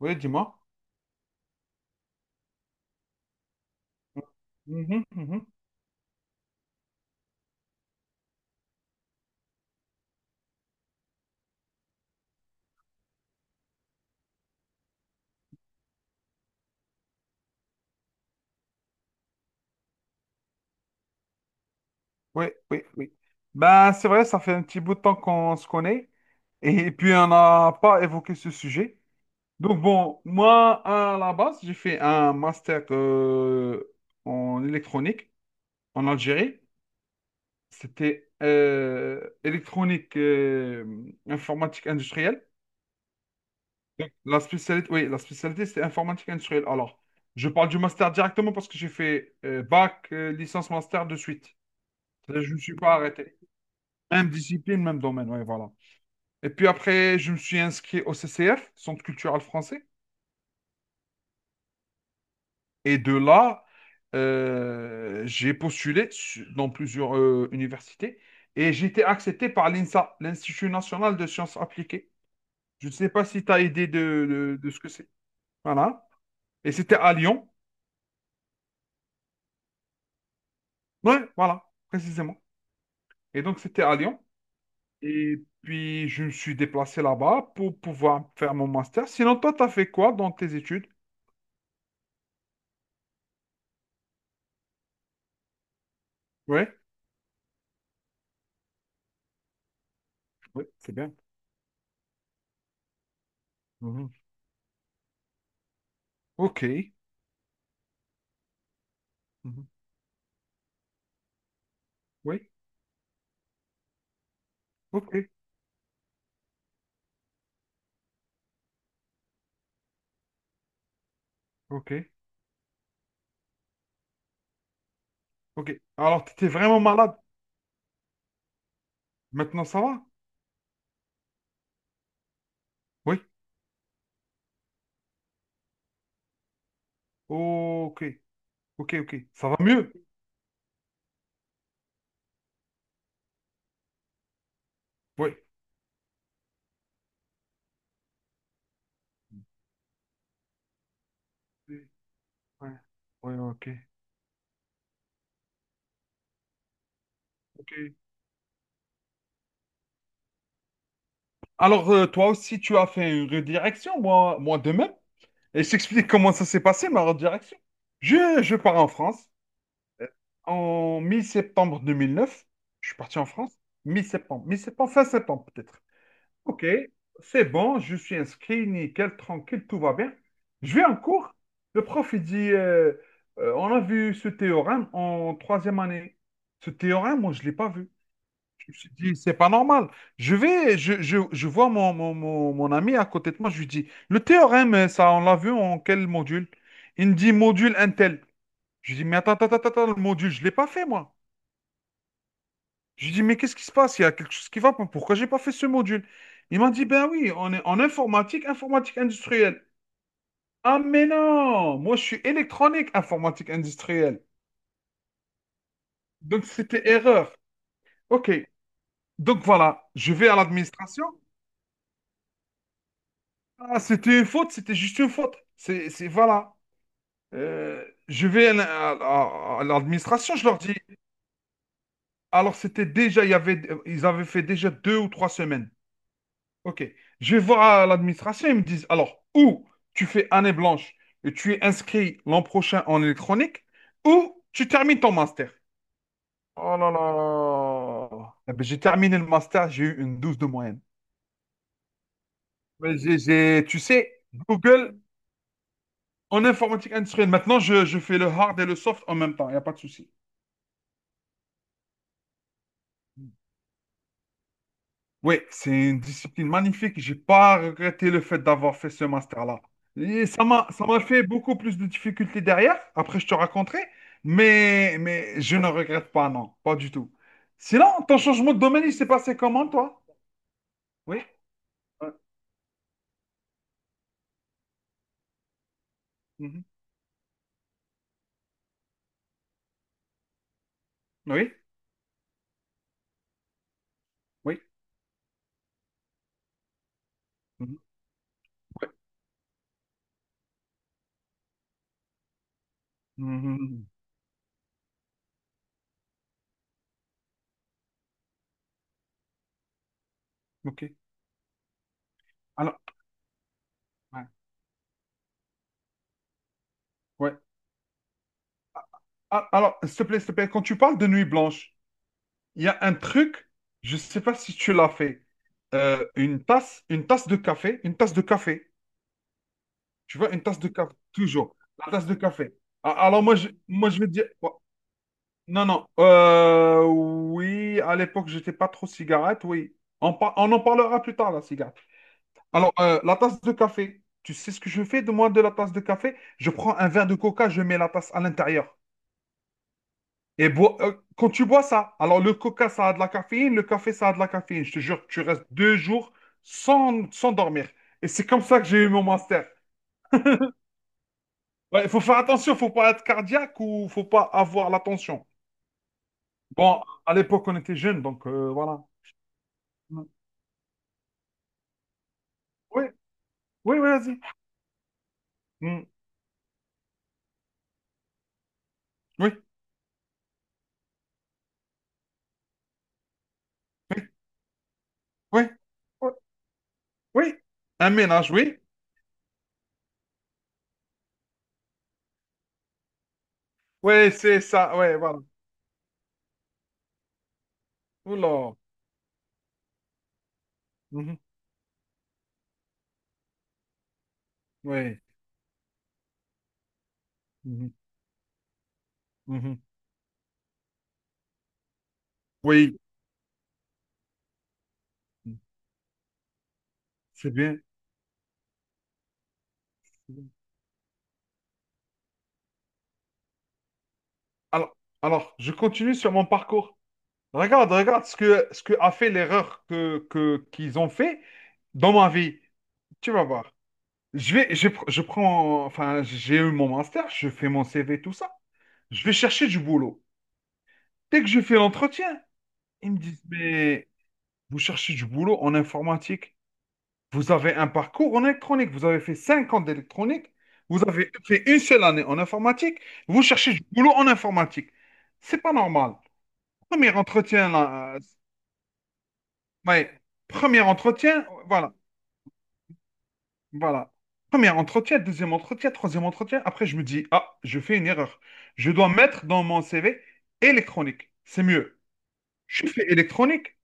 Oui, dis-moi. Mhm, mhm. Oui, oui. Ben, c'est vrai, ça fait un petit bout de temps qu'on se connaît et puis on n'a pas évoqué ce sujet. Donc bon, moi, à la base, j'ai fait un master en électronique en Algérie. C'était électronique informatique industrielle. La spécialité, oui, la spécialité, c'est informatique industrielle. Alors, je parle du master directement parce que j'ai fait bac, licence, master de suite. Je ne me suis pas arrêté. Même discipline, même domaine, ouais, voilà. Et puis après, je me suis inscrit au CCF, Centre culturel français. Et de là, j'ai dans plusieurs universités et j'ai été accepté par l'INSA, l'Institut national de sciences appliquées. Je ne sais pas si tu as idée de ce que c'est. Voilà. Et c'était à Lyon. Ouais, voilà, précisément. Et donc, c'était à Lyon. Et puis, je me suis déplacé là-bas pour pouvoir faire mon master. Sinon, toi, tu as fait quoi dans tes études? Ouais. Ouais, c'est bien. Mhm. Ok. Mhm. Oui. Ok. Ok. Ok. Alors, tu étais vraiment malade. Maintenant, ça va? Oui. Ok. Ok. Ok. Ça va mieux? Oui. Oui. Ouais. Ouais, ok. Ok. Alors, toi aussi, tu as fait une redirection, moi de même. Et je t'explique comment ça s'est passé, ma redirection. Je pars en France. Euh, En mi-septembre 2009, je suis parti en France. Mi-septembre. Mi-septembre, fin septembre, peut-être. Ok, c'est bon, je suis inscrit, nickel, tranquille, tout va bien. Je vais en cours. Le prof, il dit, on a vu ce théorème en troisième année. Ce théorème, moi, je ne l'ai pas vu. Je me suis dit, c'est pas normal. Je vais, je vois mon ami à côté de moi, je lui dis, le théorème, ça, on l'a vu en quel module? Il me dit, module Intel. Je lui dis, mais attends, le module, je ne l'ai pas fait, moi. J'ai dit, mais qu'est-ce qui se passe? Il y a quelque chose qui va pas. Pourquoi j'ai pas fait ce module? Il m'a dit, ben oui, on est en informatique, informatique industrielle. Ah, mais non! Moi, je suis électronique, informatique industrielle. Donc, c'était erreur. Ok. Donc, voilà. Je vais à l'administration. Ah, c'était une faute, c'était juste une faute. Voilà. Euh, je vais à à l'administration, je leur dis. Alors, c'était déjà, il y avait, ils avaient fait déjà deux ou trois semaines. Ok. Je vais voir à l'administration, ils me disent, alors, ou tu fais année blanche et tu es inscrit l'an prochain en électronique, ou tu termines ton master. Oh là là. Eh ben, j'ai terminé le master, j'ai eu une 12 de moyenne. Tu sais, Google en informatique industrielle. Maintenant, je fais le hard et le soft en même temps, il n'y a pas de souci. Oui, c'est une discipline magnifique. J'ai pas regretté le fait d'avoir fait ce master-là. Et ça m'a fait beaucoup plus de difficultés derrière. Après, je te raconterai. Mais je ne regrette pas, non, pas du tout. Sinon, ton changement de domaine, il s'est passé comment, toi? Oui. Ouais, mhm, oui. Oui. Mhm, ouais, mhm, ok. Alors, ouais, ouais. Ah, alors, s'il te plaît, quand tu parles de nuit blanche, il y a un truc, je ne sais pas si tu l'as fait. Une tasse de café, une tasse de café. Tu vois, une tasse de café, toujours. La tasse de café. Alors je vais te dire... oh, non, non. Oui, à l'époque, j'étais pas trop cigarette, oui. On en parlera plus tard, la cigarette. Alors, la tasse de café. Tu sais ce que je fais de moi de la tasse de café? Je prends un verre de coca, je mets la tasse à l'intérieur. Et bois, quand tu bois ça, alors le coca, ça a de la caféine, le café, ça a de la caféine. Je te jure, tu restes deux jours sans dormir. Et c'est comme ça que j'ai eu mon master. Ouais, il faut faire attention, faut pas être cardiaque ou faut pas avoir la tension. Bon, à l'époque, on était jeunes, donc voilà. Mm. Oui, oui, vas-y. Mm. Oui, oui, oui, oui. Un ménage, oui. Oui, c'est ça, oui, voilà. Oula. Mhm. Oui. Mhm. Mhm. Oui, c'est bien. Alors, alors, je continue sur mon parcours. Regarde, regarde ce que a fait l'erreur qu'ils ont fait dans ma vie. Tu vas voir. Je vais, je, pr- je prends, enfin, j'ai eu mon master, je fais mon CV, tout ça. Je vais chercher du boulot. Dès que je fais l'entretien, ils me disent, mais vous cherchez du boulot en informatique. Vous avez un parcours en électronique. Vous avez fait 5 ans d'électronique. Vous avez fait une seule année en informatique. Vous cherchez du boulot en informatique. C'est pas normal. Premier entretien, là, ouais, premier entretien, voilà. Voilà. Premier entretien, deuxième entretien, troisième entretien. Après, je me dis, ah, je fais une erreur. Je dois mettre dans mon CV électronique. C'est mieux. Je fais électronique,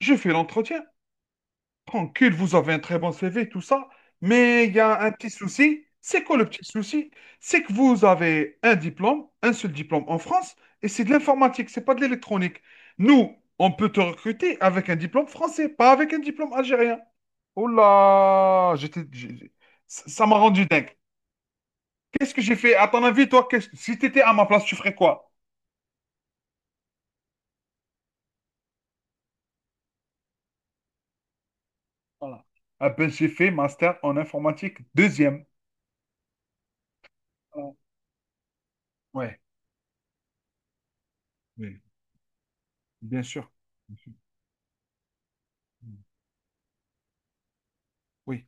je fais l'entretien. Tranquille, vous avez un très bon CV, tout ça. Mais il y a un petit souci. C'est quoi le petit souci? C'est que vous avez un diplôme, un seul diplôme en France, et c'est de l'informatique, c'est pas de l'électronique. Nous, on peut te recruter avec un diplôme français, pas avec un diplôme algérien. Oh là, ça m'a rendu dingue. Qu'est-ce que j'ai fait? À ton avis, toi, qu'est-ce, si tu étais à ma place, tu ferais quoi? Voilà. Ah ben, j'ai fait master en informatique deuxième. Voilà. Ouais, oui, bien sûr. Bien sûr. Oui.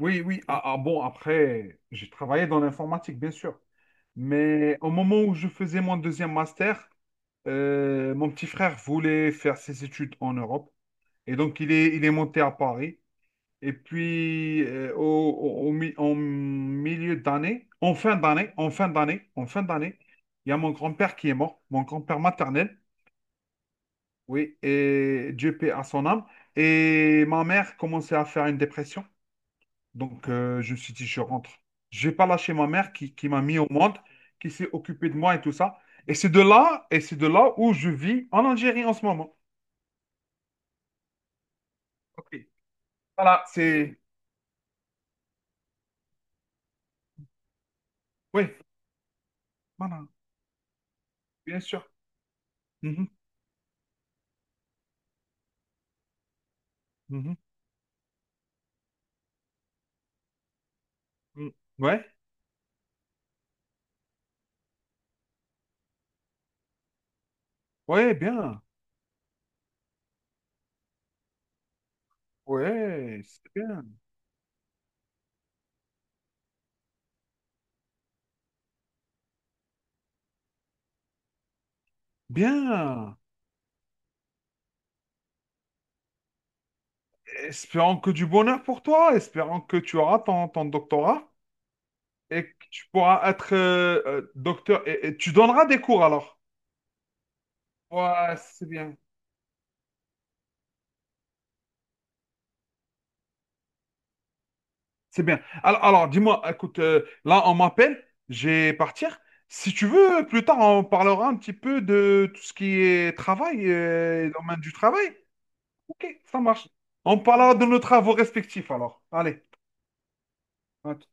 Oui, oui. Ah, ah, bon, après, j'ai travaillé dans l'informatique, bien sûr. Mais au moment où je faisais mon deuxième master, mon petit frère voulait faire ses études en Europe. Et donc, il est monté à Paris. Et puis, en milieu d'année, en fin d'année, il y a mon grand-père qui est mort, mon grand-père maternel. Oui, et Dieu paie à son âme. Et ma mère commençait à faire une dépression. Donc, je me suis dit, je rentre. Je vais pas lâcher ma mère qui m'a mis au monde, qui s'est occupée de moi et tout ça. Et c'est de là où je vis en Algérie en ce moment. Ok. Voilà, c'est... Oui, voilà, bien sûr. Mhm, mhm, mhm. Ouais, ouais, bien. Ouais, c'est bien. Bien. Espérons que du bonheur pour toi. Espérons que tu auras ton doctorat et que tu pourras être docteur. Et tu donneras des cours alors. Ouais, c'est bien. C'est bien. Alors, dis-moi, écoute, là, on m'appelle, je vais partir. Si tu veux, plus tard, on parlera un petit peu de tout ce qui est travail, domaine du travail. Ok, ça marche. On parlera de nos travaux respectifs, alors. Allez, à tout